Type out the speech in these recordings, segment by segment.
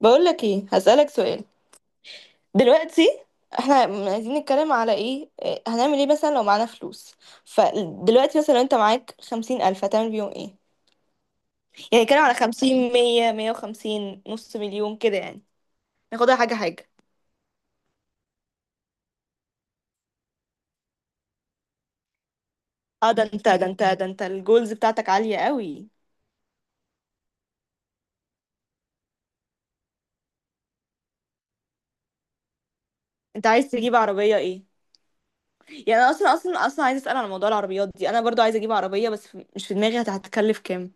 بقول لك ايه، هسألك سؤال. دلوقتي احنا عايزين نتكلم على ايه إيه، هنعمل ايه مثلا لو معانا فلوس؟ فدلوقتي مثلا لو انت معاك 50,000 هتعمل بيهم ايه؟ يعني نتكلم على خمسين، مية، مية وخمسين، نص مليون كده يعني. ناخدها حاجة حاجة. اه، ده انت الجولز بتاعتك عالية قوي. انت عايز تجيب عربية ايه؟ يعني انا اصلا عايزة أسأل على موضوع العربيات دي. انا برضو عايزة اجيب عربية، بس مش في دماغي. هتكلف كام؟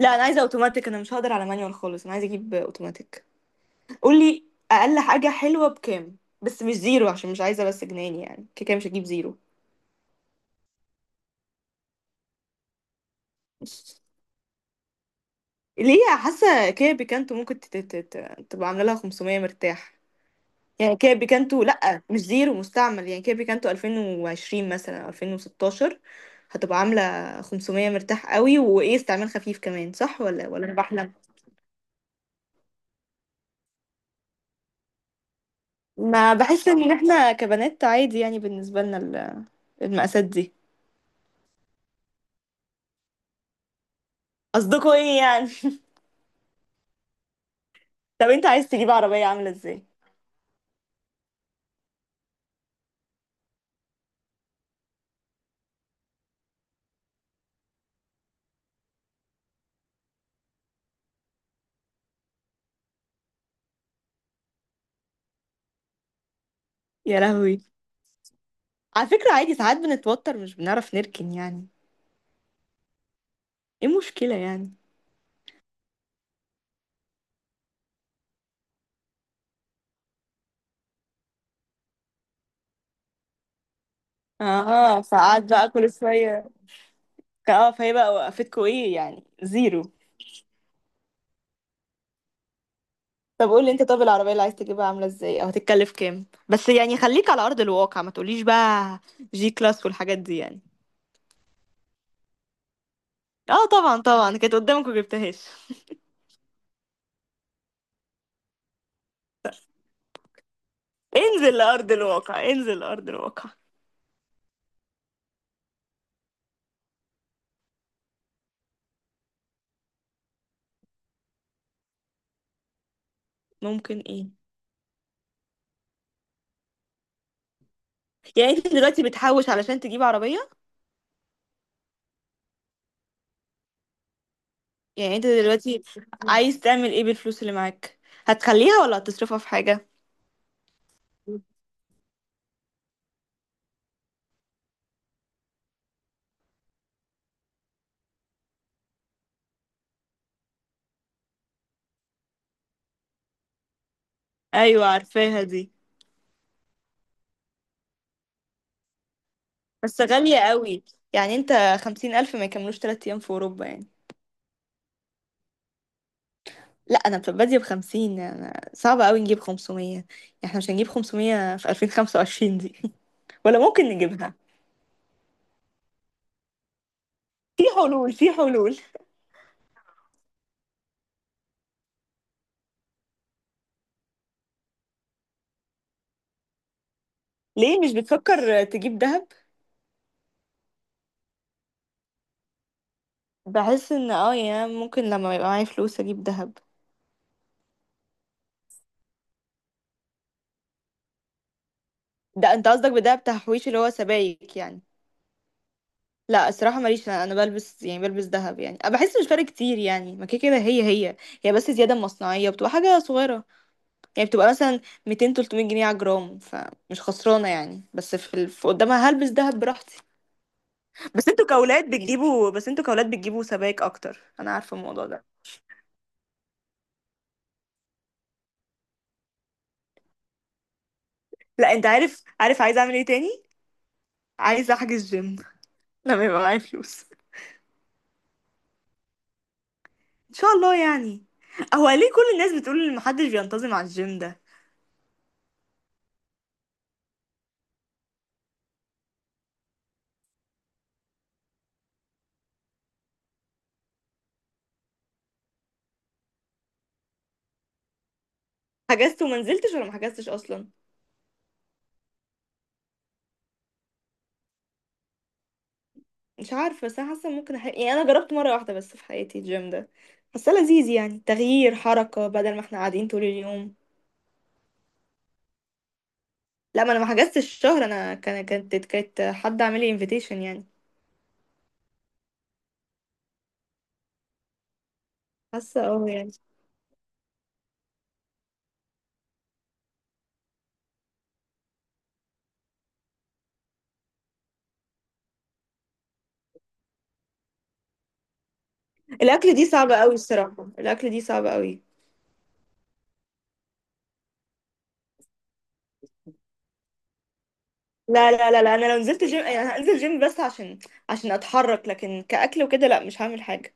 لا، انا عايزة اوتوماتيك. انا مش هقدر على مانيوال خالص، انا عايزة اجيب اوتوماتيك. قولي اقل حاجه حلوه بكام؟ بس مش زيرو، عشان مش عايزه بس جنان، يعني كده كده مش هجيب زيرو. ليه؟ حاسه كده بيكانتو ممكن تبقى عامله لها 500 مرتاح. يعني كده بيكانتو، لا مش زيرو، مستعمل. يعني كده بيكانتو 2020 مثلا أو 2016 هتبقى عامله 500 مرتاح قوي، وايه، استعمال خفيف كمان، صح ولا انا بحلم؟ ما بحس ان احنا كبنات عادي يعني، بالنسبه لنا المقاسات دي. قصدكوا ايه يعني؟ طب انت عايز تجيب عربيه عامله ازاي؟ يا لهوي، على فكرة عادي، ساعات بنتوتر مش بنعرف نركن يعني. ايه المشكلة يعني؟ اه، ساعات بقى كل شوية. اه، فهي بقى وقفتكوا ايه يعني؟ زيرو. طب قولي انت، طب العربية اللي عايز تجيبها عاملة ازاي او هتتكلف كام؟ بس يعني خليك على أرض الواقع، ما تقوليش بقى جي كلاس والحاجات دي يعني. اه طبعا طبعا كانت قدامك وجبتهاش. انزل لأرض الواقع، انزل لأرض الواقع. ممكن ايه؟ يعني انت دلوقتي بتحوش علشان تجيب عربية؟ يعني انت دلوقتي عايز تعمل ايه بالفلوس اللي معاك؟ هتخليها ولا هتصرفها في حاجة؟ ايوه، عارفاها دي. بس غالية قوي. يعني انت خمسين الف ما يكملوش 3 ايام في اوروبا يعني. لا، انا بادية بخمسين، يعني صعب قوي نجيب 500 يعني. احنا مش هنجيب 500 في 2025 دي. ولا ممكن نجيبها؟ في حلول، في حلول. ليه مش بتفكر تجيب دهب؟ بحس ان اه يعني ممكن لما يبقى معايا فلوس اجيب دهب. ده انت قصدك بدهب تحويش اللي هو سبايك يعني؟ لا الصراحة ماليش، أنا بلبس، يعني بلبس دهب، يعني أنا بحس مش فارق كتير يعني، ما كده كده هي هي، هي بس زيادة مصنعية بتبقى حاجة صغيرة. يعني بتبقى مثلا 200 300 جنيه على جرام، فمش خسرانة يعني. بس في، في قدامها هلبس دهب براحتي. بس انتوا كأولاد بتجيبوا سبائك اكتر، انا عارفة الموضوع ده. لا انت عارف، عايزة اعمل ايه تاني؟ عايزة احجز جيم. لما يبقى معايا فلوس. ان شاء الله يعني. هو ليه كل الناس بتقول ان محدش بينتظم على الجيم ده؟ حجزت وما نزلتش، ولا ما حجزتش اصلا؟ مش عارفة، بس أنا حاسة ممكن يعني أنا جربت مرة واحدة بس في حياتي الجيم ده، حاسة لذيذ يعني، تغيير حركة بدل ما احنا قاعدين طول اليوم. لا ما أنا ما حجزتش الشهر. أنا كانت حد عامل لي invitation يعني. حاسة اه يعني. الأكل دي صعبة أوي الصراحة، الأكل دي صعبة أوي. لا لا لا لا، أنا لو نزلت جيم يعني هنزل جيم بس عشان، أتحرك، لكن كأكل وكده لا، مش هعمل حاجة.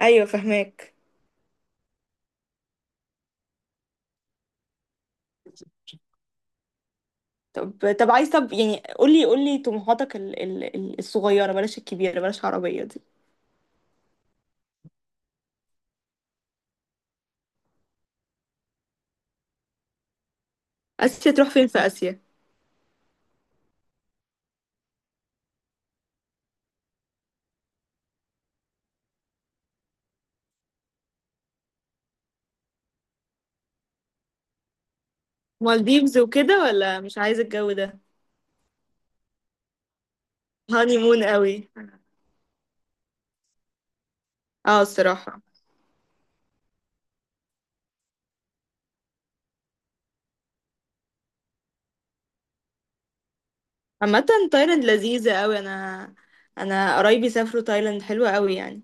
أيوة فهماك. طب يعني، قولي قولي طموحاتك الصغيرة، بلاش الكبيرة، بلاش عربية دي. آسيا، تروح فين في آسيا؟ مالديفز وكده ولا مش عايزة الجو ده؟ هاني مون قوي. اه الصراحة. عامة تايلاند لذيذة قوي. انا انا قرايبي سافروا تايلاند، حلوة قوي يعني.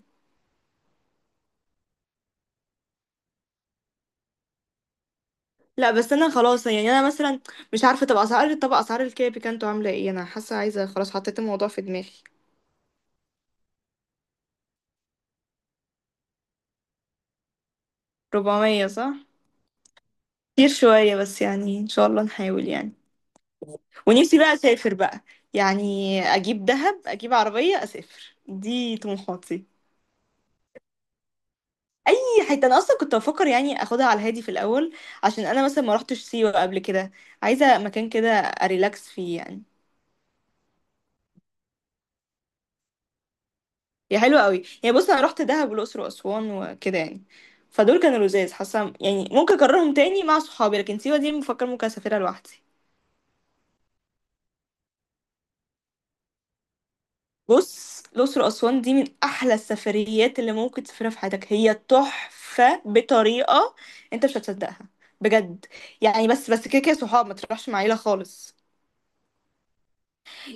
لا بس انا خلاص يعني، انا مثلا مش عارفة. طب اسعار، طب اسعار الكاب كانتوا عاملة ايه؟ انا حاسة عايزة خلاص، حطيت الموضوع في دماغي. 400، صح؟ كتير شوية بس يعني، ان شاء الله نحاول يعني. ونفسي بقى اسافر بقى يعني. اجيب دهب، اجيب عربية، اسافر، دي طموحاتي. اي حته. انا اصلا كنت بفكر يعني اخدها على الهادي في الاول، عشان انا مثلا ما روحتش سيوه قبل كده. عايزه مكان كده اريلاكس فيه يعني. هي حلوه قوي يعني. بص انا رحت دهب والاقصر واسوان وكده يعني، فدول كانوا لذاذ، حاسه يعني ممكن اكررهم تاني مع صحابي. لكن سيوه دي مفكر ممكن اسافرها لوحدي. بص الاقصر واسوان دي من احلى السفريات اللي ممكن تسافرها في حياتك، هي تحفه بطريقه انت مش هتصدقها، بجد. يعني بس كده كده صحاب، ما تروحش مع عيله خالص.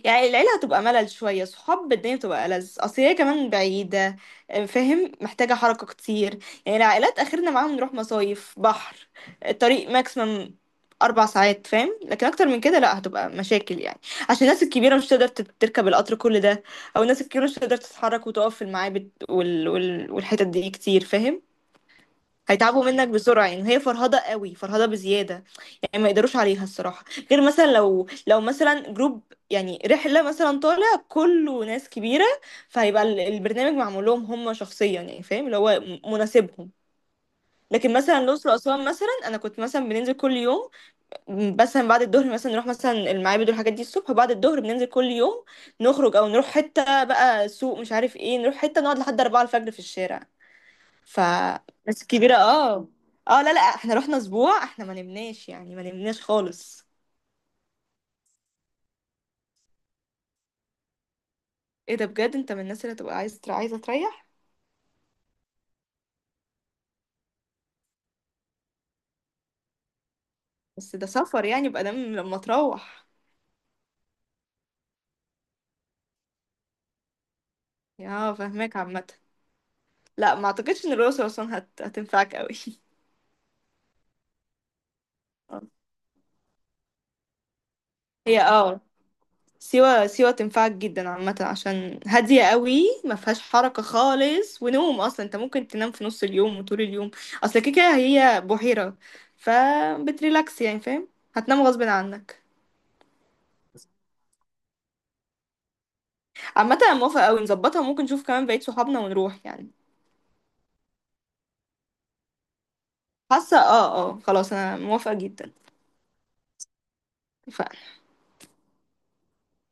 يعني العيلة هتبقى ملل شوية، صحاب الدنيا بتبقى ألذ، أصل هي كمان بعيدة، آه، فاهم؟ محتاجة حركة كتير. يعني العائلات آخرنا معاهم نروح مصايف بحر، الطريق ماكسيمم 4 ساعات فاهم. لكن أكتر من كده لأ، هتبقى مشاكل يعني. عشان الناس الكبيرة مش تقدر تركب القطر كل ده، أو الناس الكبيرة مش تقدر تتحرك وتقف في المعابد والحتت دي كتير، فاهم؟ هيتعبوا منك بسرعة. يعني هي فرهضة قوي، فرهضة بزيادة يعني، ما يقدروش عليها الصراحة. غير مثلا لو مثلا جروب، يعني رحلة مثلا طالع كله ناس كبيرة، فهيبقى البرنامج معمول لهم هم شخصيا يعني، فاهم؟ اللي هو مناسبهم. لكن مثلا الأقصر وأسوان، مثلا أنا كنت مثلا بننزل كل يوم، مثلا بعد الظهر، مثلا نروح مثلا المعابد والحاجات دي الصبح، وبعد الظهر بننزل كل يوم، نخرج أو نروح حتة بقى سوق مش عارف ايه، نروح حتة نقعد لحد 4 الفجر في الشارع. ف، ناس كبيرة اه. اه لا لا، احنا رحنا أسبوع، احنا ما نمناش يعني، ما نمناش خالص. ايه ده؟ بجد انت من الناس اللي تبقى عايز، تريح. بس ده سفر يعني، يبقى دام لما تروح. يا فاهماك، عامه. لا ما اعتقدش ان الأقصر اصلا هتنفعك قوي. آه. هي اه، سيوة تنفعك جدا، عامة عشان هادية قوي ما فيهاش حركة خالص، ونوم، اصلا انت ممكن تنام في نص اليوم وطول اليوم. اصل كده كده هي بحيرة، فبتريلاكس يعني، فاهم؟ هتنام غصب عنك. عامة انا موافقة قوي، نظبطها ممكن، نشوف كمان بقية صحابنا ونروح يعني. حاسة اه، اه خلاص انا موافقة جدا.